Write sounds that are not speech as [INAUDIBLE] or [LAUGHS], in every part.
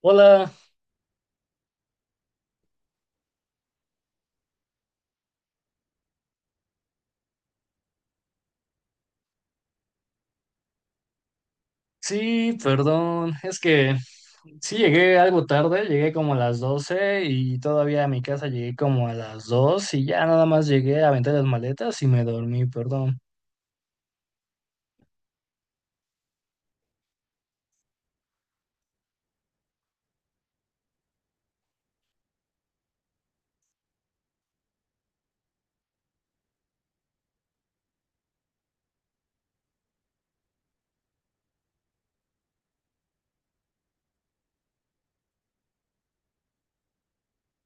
Hola, sí, perdón, es que sí llegué algo tarde, llegué como a las 12 y todavía a mi casa llegué como a las 2 y ya nada más llegué a aventar las maletas y me dormí, perdón.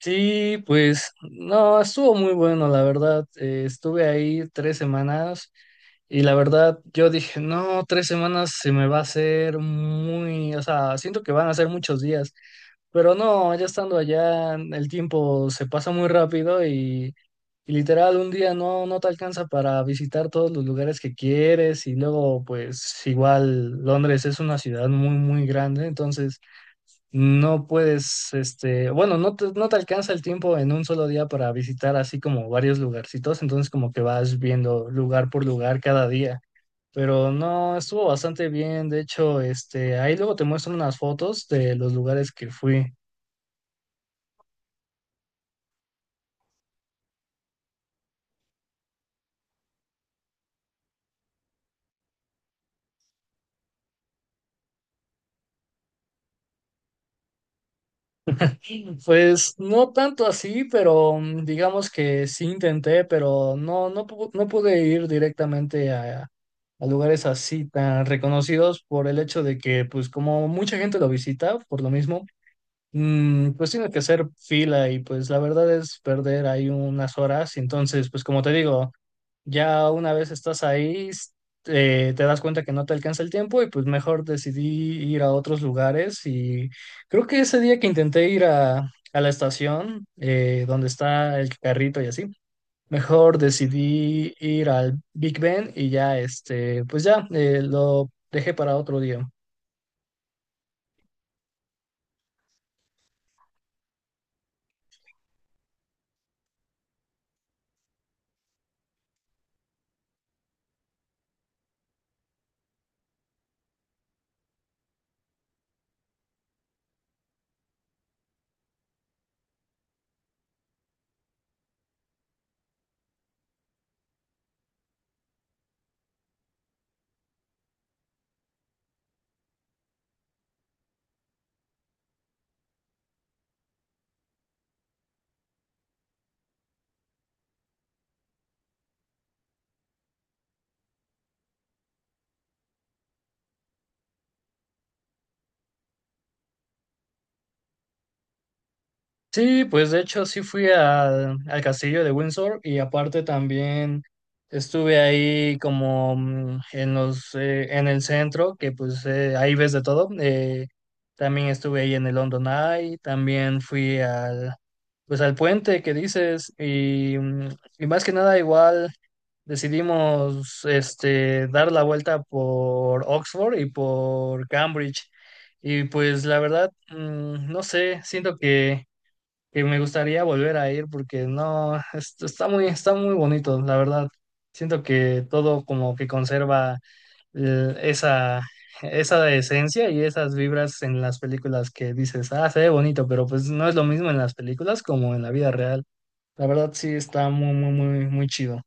Sí, pues no, estuvo muy bueno, la verdad, estuve ahí 3 semanas y la verdad yo dije, no, 3 semanas se me va a hacer muy, o sea, siento que van a ser muchos días. Pero no, ya estando allá, el tiempo se pasa muy rápido y literal un día no te alcanza para visitar todos los lugares que quieres y luego pues igual Londres es una ciudad muy muy grande, entonces no puedes, este, bueno, no te alcanza el tiempo en un solo día para visitar así como varios lugarcitos, entonces como que vas viendo lugar por lugar cada día. Pero no, estuvo bastante bien. De hecho, este, ahí luego te muestro unas fotos de los lugares que fui. Pues no tanto así, pero digamos que sí intenté, pero no, no pude ir directamente a lugares así tan reconocidos por el hecho de que, pues como mucha gente lo visita, por lo mismo, pues tiene que hacer fila y pues la verdad es perder ahí unas horas. Entonces, pues como te digo. Ya una vez estás ahí, te das cuenta que no te alcanza el tiempo y pues mejor decidí ir a otros lugares y creo que ese día que intenté ir a la estación donde está el carrito y así, mejor decidí ir al Big Ben y ya pues ya lo dejé para otro día. Sí, pues de hecho sí fui al castillo de Windsor y aparte también estuve ahí como en los en el centro, que pues ahí ves de todo. También estuve ahí en el London Eye, también fui al pues al puente que dices y más que nada igual decidimos dar la vuelta por Oxford y por Cambridge. Y pues la verdad, no sé, siento que me gustaría volver a ir porque no, está muy bonito, la verdad. Siento que todo como que conserva eh, esa, esa esencia y esas vibras en las películas que dices, ah, se ve bonito, pero pues no es lo mismo en las películas como en la vida real. La verdad sí está muy, muy, muy, muy chido.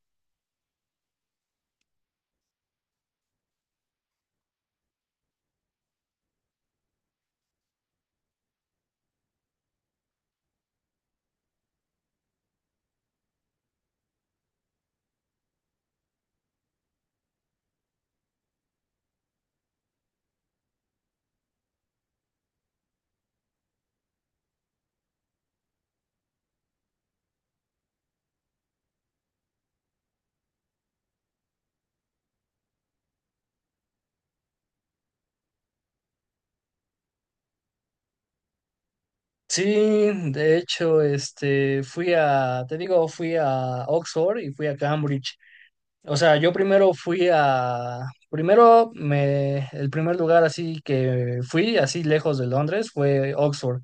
Sí, de hecho, fui a, te digo, fui a Oxford y fui a Cambridge. O sea, yo primero fui a, primero me, el primer lugar así que fui, así lejos de Londres, fue Oxford.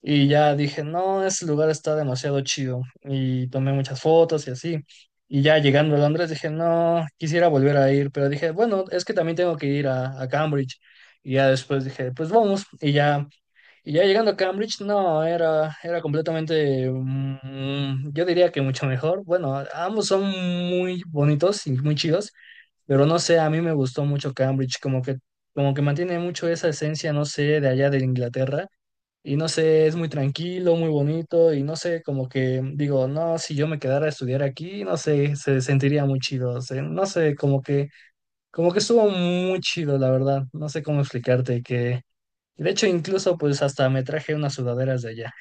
Y ya dije, no, ese lugar está demasiado chido. Y tomé muchas fotos y así. Y ya llegando a Londres dije, no, quisiera volver a ir, pero dije, bueno, es que también tengo que ir a Cambridge. Y ya después dije, pues vamos. Y ya llegando a Cambridge, no, era completamente, yo diría que mucho mejor. Bueno, ambos son muy bonitos y muy chidos, pero no sé, a mí me gustó mucho Cambridge, como que mantiene mucho esa esencia, no sé, de allá de Inglaterra. Y no sé, es muy tranquilo, muy bonito, y no sé, como que digo, no, si yo me quedara a estudiar aquí, no sé, se sentiría muy chido. O sea, no sé, como que estuvo muy chido, la verdad. No sé cómo explicarte. De hecho, incluso pues hasta me traje unas sudaderas de allá.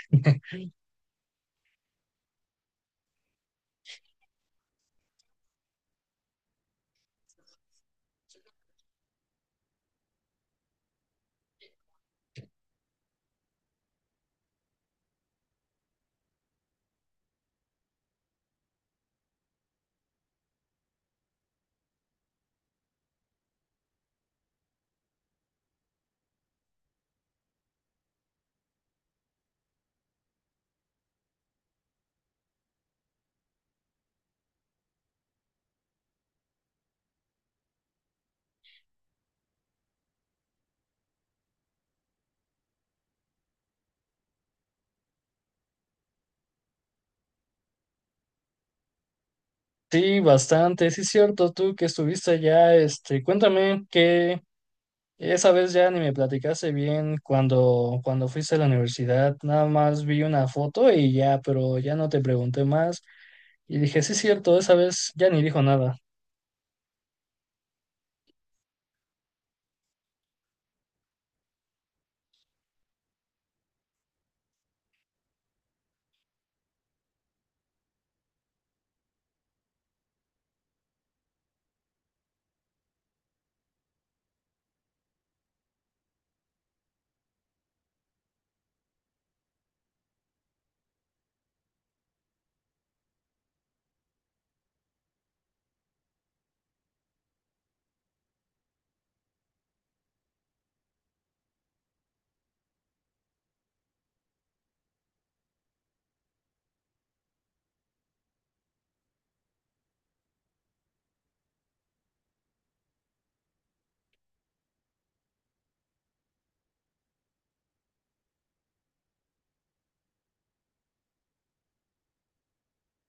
Sí, bastante, sí es cierto, tú que estuviste allá, cuéntame que esa vez ya ni me platicaste bien cuando fuiste a la universidad, nada más vi una foto y ya, pero ya no te pregunté más. Y dije, sí es cierto, esa vez ya ni dijo nada.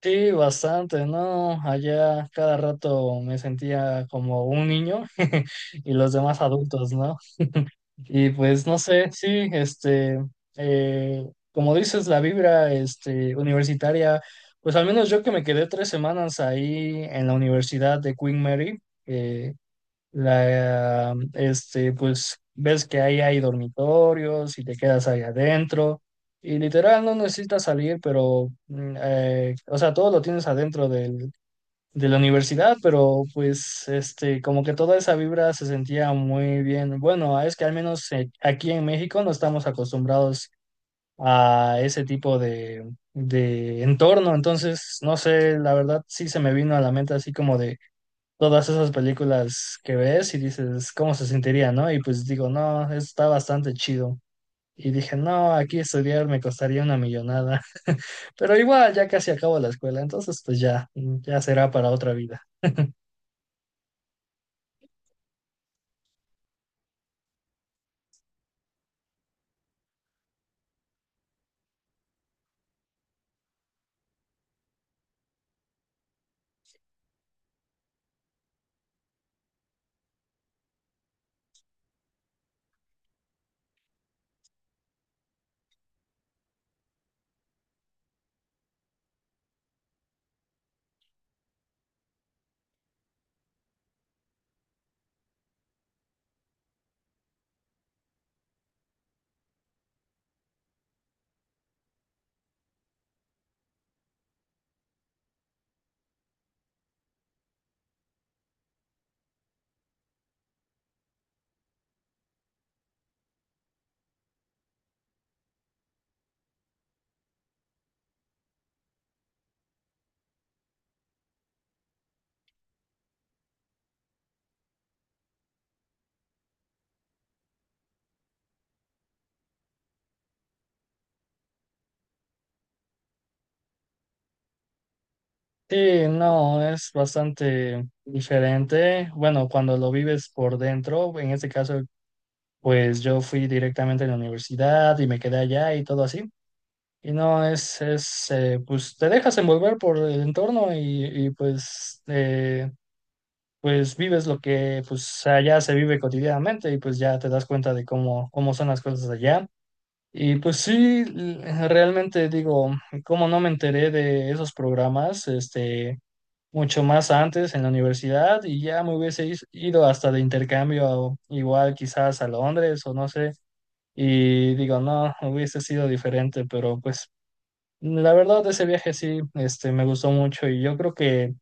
Sí, bastante, ¿no? Allá cada rato me sentía como un niño [LAUGHS] y los demás adultos, no. Y pues no sé, sí, como dices, la vibra, universitaria, pues al menos yo que me quedé 3 semanas ahí en la Universidad de Queen Mary, Pues ves que ahí hay dormitorios y te quedas ahí adentro y literal no necesitas salir, pero, o sea, todo lo tienes adentro de la universidad, pero pues como que toda esa vibra se sentía muy bien. Bueno, es que al menos aquí en México no estamos acostumbrados a ese tipo de entorno, entonces, no sé, la verdad sí se me vino a la mente así como de todas esas películas que ves y dices, ¿cómo se sentiría, no? Y pues digo, no, está bastante chido. Y dije, no, aquí estudiar me costaría una millonada. [LAUGHS] Pero igual, ya casi acabo la escuela, entonces pues ya, será para otra vida. Sí, no, es bastante diferente. Bueno, cuando lo vives por dentro, en este caso, pues yo fui directamente a la universidad y me quedé allá y todo así. Y no, pues te dejas envolver por el entorno y, pues, pues vives lo que pues allá se vive cotidianamente y pues ya te das cuenta de cómo son las cosas allá. Y pues sí, realmente digo, cómo no me enteré de esos programas, mucho más antes en la universidad y ya me hubiese ido hasta de intercambio, igual quizás a Londres o no sé, y digo, no, hubiese sido diferente, pero pues la verdad ese viaje sí, me gustó mucho y yo creo que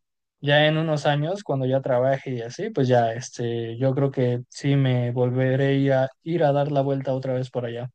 ya en unos años, cuando ya trabaje y así, pues ya, yo creo que sí me volveré a ir a dar la vuelta otra vez por allá.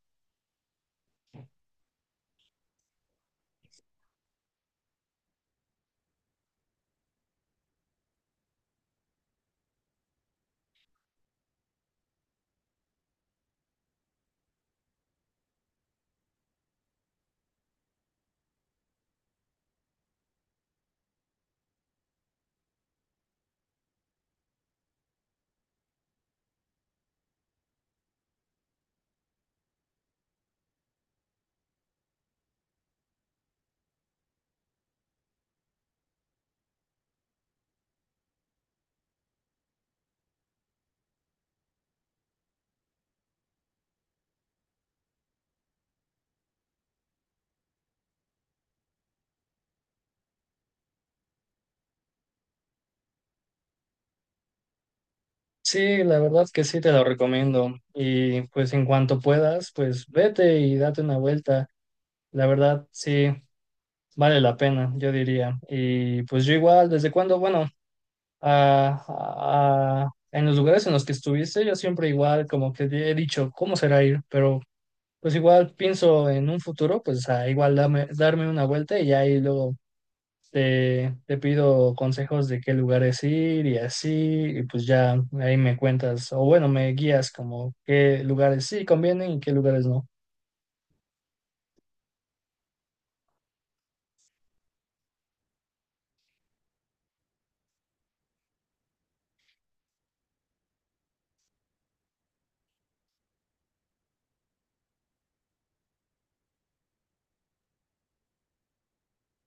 Sí, la verdad que sí te lo recomiendo. Y pues en cuanto puedas, pues vete y date una vuelta. La verdad, sí, vale la pena, yo diría. Y pues yo igual, desde cuando, bueno, en los lugares en los que estuviste, yo siempre igual como que he dicho, ¿cómo será ir? Pero pues igual pienso en un futuro, pues igual darme una vuelta y ahí luego te pido consejos de qué lugares ir y así, y pues ya ahí me cuentas, o bueno, me guías como qué lugares sí convienen y qué lugares no.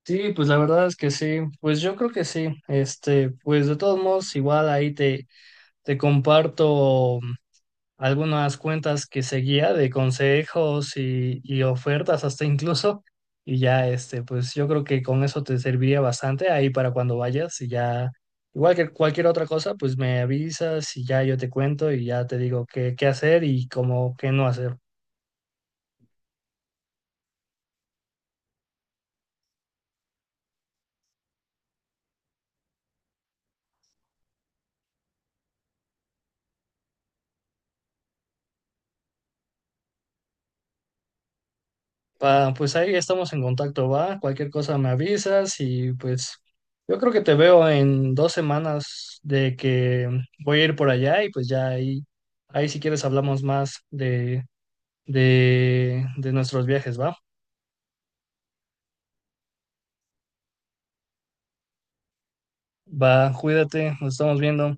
Sí, pues la verdad es que sí, pues yo creo que sí, pues de todos modos igual ahí te comparto algunas cuentas que seguía de consejos y ofertas hasta incluso, y ya pues yo creo que con eso te serviría bastante ahí para cuando vayas y ya, igual que cualquier otra cosa, pues me avisas y ya yo te cuento y ya te digo qué hacer y cómo qué no hacer. Pa, pues ahí estamos en contacto, va. Cualquier cosa me avisas y pues yo creo que te veo en 2 semanas de que voy a ir por allá y pues ya ahí si quieres hablamos más de nuestros viajes, va. Va, cuídate, nos estamos viendo.